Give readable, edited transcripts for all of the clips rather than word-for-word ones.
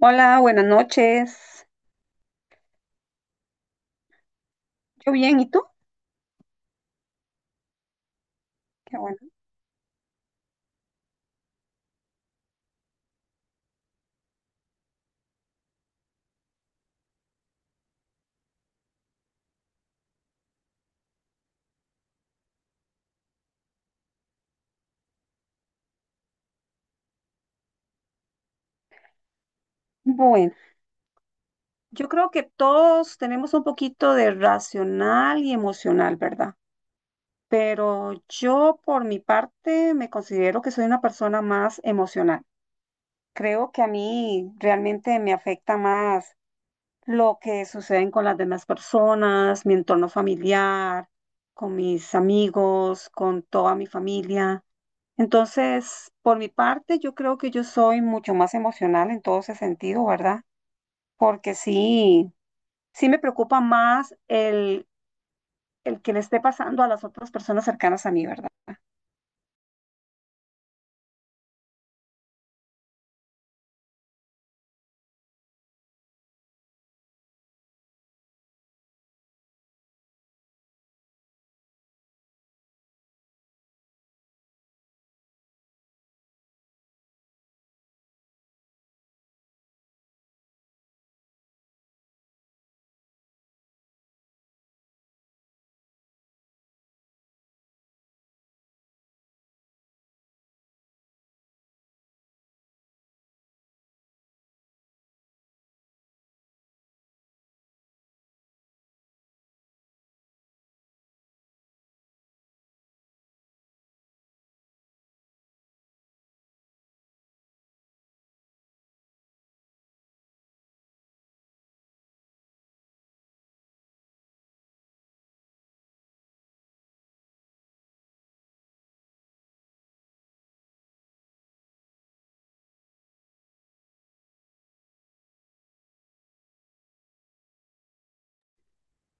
Hola, buenas noches. Yo bien, ¿y tú? Qué bueno. Bueno, yo creo que todos tenemos un poquito de racional y emocional, ¿verdad? Pero yo por mi parte me considero que soy una persona más emocional. Creo que a mí realmente me afecta más lo que sucede con las demás personas, mi entorno familiar, con mis amigos, con toda mi familia. Entonces, por mi parte, yo creo que yo soy mucho más emocional en todo ese sentido, ¿verdad? Porque sí, sí me preocupa más el que le esté pasando a las otras personas cercanas a mí, ¿verdad?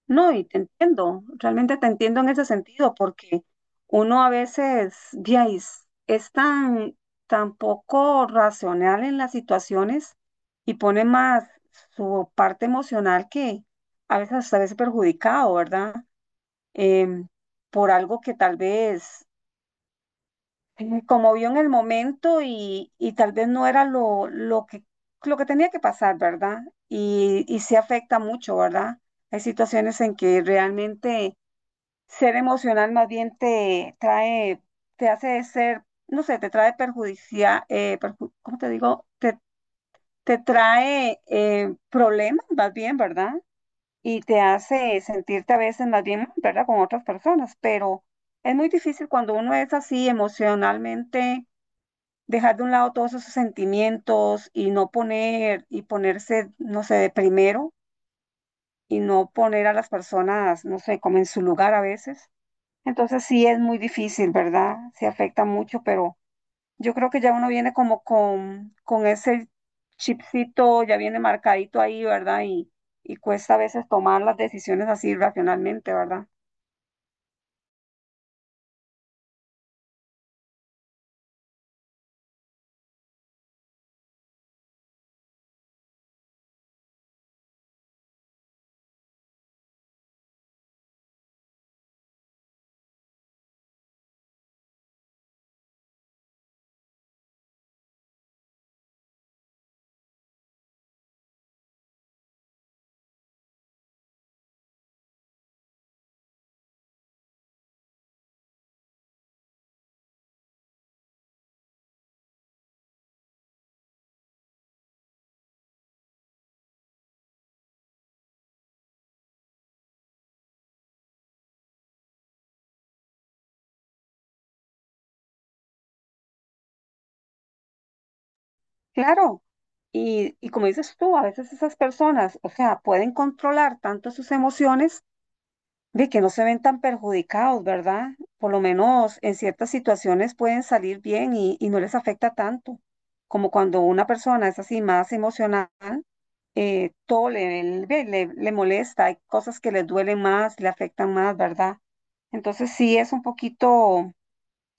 No, y te entiendo, realmente te entiendo en ese sentido, porque uno a veces, ya es tan poco racional en las situaciones y pone más su parte emocional que a veces perjudicado, ¿verdad? em, por algo que tal vez conmovió en el momento y tal vez no era lo que tenía que pasar, ¿verdad? Y se afecta mucho, ¿verdad? Hay situaciones en que realmente ser emocional más bien te hace ser, no sé, te trae perjudicial, ¿cómo te digo? Te trae problemas más bien, ¿verdad?, y te hace sentirte a veces más bien, ¿verdad?, con otras personas, pero es muy difícil cuando uno es así emocionalmente, dejar de un lado todos esos sentimientos y no poner, y ponerse, no sé, de primero y no poner a las personas, no sé, como en su lugar a veces. Entonces sí es muy difícil, ¿verdad? Se afecta mucho, pero... Yo creo que ya uno viene como con ese chipcito, ya viene marcadito ahí, ¿verdad? Y cuesta a veces tomar las decisiones así racionalmente, ¿verdad? Claro. Y como dices tú, a veces esas personas, o sea, pueden controlar tanto sus emociones de que no se ven tan perjudicados, ¿verdad? Por lo menos en ciertas situaciones pueden salir bien y no les afecta tanto, como cuando una persona es así más emocional todo le molesta, hay cosas que le duelen más, le afectan más, ¿verdad? Entonces sí es un poquito,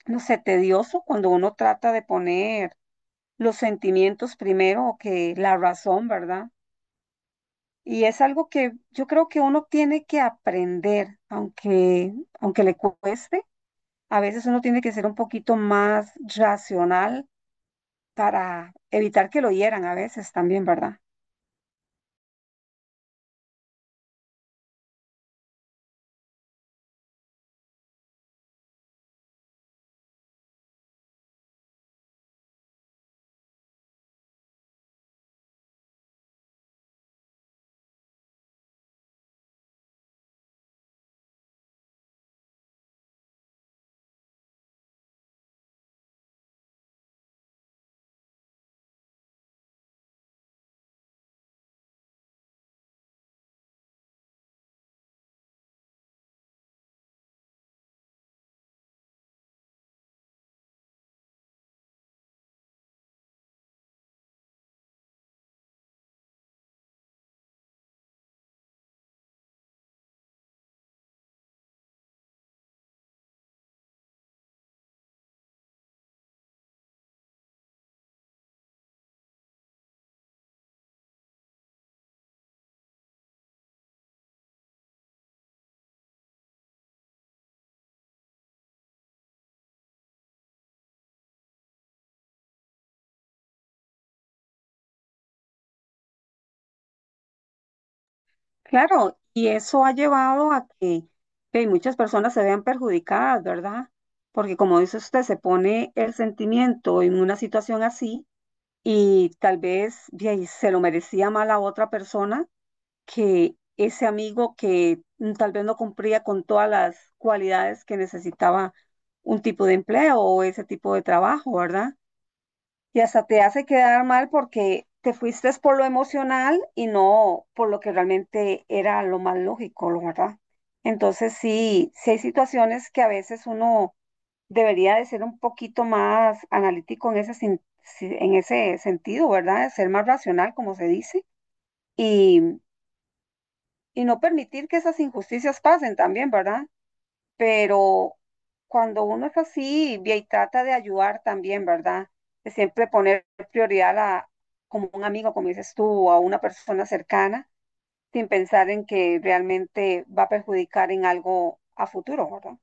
no sé, tedioso cuando uno trata de poner los sentimientos primero que la razón, ¿verdad? Y es algo que yo creo que uno tiene que aprender, aunque le cueste, a veces uno tiene que ser un poquito más racional para evitar que lo hieran a veces también, ¿verdad? Claro, y eso ha llevado a que muchas personas se vean perjudicadas, ¿verdad? Porque como dice usted, se pone el sentimiento en una situación así y tal vez de ahí, se lo merecía mal a otra persona que ese amigo que tal vez no cumplía con todas las cualidades que necesitaba un tipo de empleo o ese tipo de trabajo, ¿verdad? Y hasta te hace quedar mal porque te fuiste por lo emocional y no por lo que realmente era lo más lógico, lo verdad. Entonces sí, sí hay situaciones que a veces uno debería de ser un poquito más analítico en ese, sin- si- en ese sentido, ¿verdad? De ser más racional, como se dice, y, y no permitir que esas injusticias pasen también, ¿verdad?, pero cuando uno es así y trata de ayudar también, ¿verdad? De siempre poner prioridad como un amigo, como dices tú, o a una persona cercana, sin pensar en que realmente va a perjudicar en algo a futuro, ¿verdad?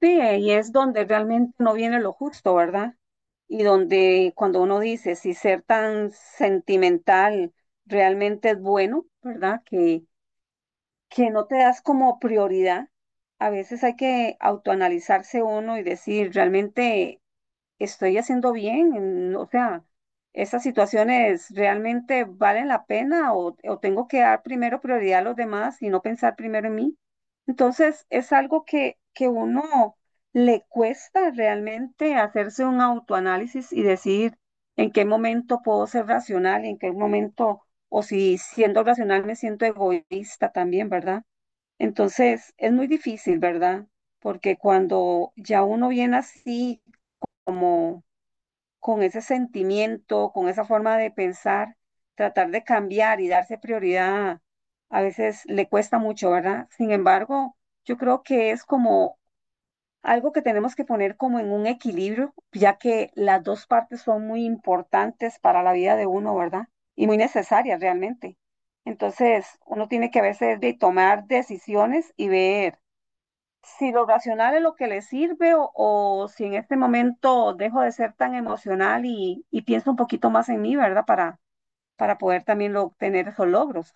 Sí, y es donde realmente no viene lo justo, ¿verdad? Y donde cuando uno dice si ser tan sentimental realmente es bueno, ¿verdad?, que no te das como prioridad. A veces hay que autoanalizarse uno y decir, realmente estoy haciendo bien. Mm, o sea, esas situaciones realmente valen la pena o tengo que dar primero prioridad a los demás y no pensar primero en mí. Entonces, es algo que uno le cuesta realmente hacerse un autoanálisis y decir en qué momento puedo ser racional y en qué momento, o si siendo racional me siento egoísta también, ¿verdad? Entonces, es muy difícil, ¿verdad? Porque cuando ya uno viene así, como con ese sentimiento, con esa forma de pensar, tratar de cambiar y darse prioridad, a veces le cuesta mucho, ¿verdad? Sin embargo, yo creo que es como algo que tenemos que poner como en un equilibrio, ya que las dos partes son muy importantes para la vida de uno, ¿verdad? Y muy necesarias realmente. Entonces, uno tiene que a veces de tomar decisiones y ver si lo racional es lo que le sirve o si en este momento dejo de ser tan emocional y pienso un poquito más en mí, ¿verdad? Para poder también obtener esos logros.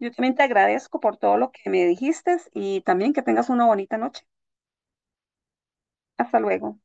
Yo también te agradezco por todo lo que me dijiste y también que tengas una bonita noche. Hasta luego.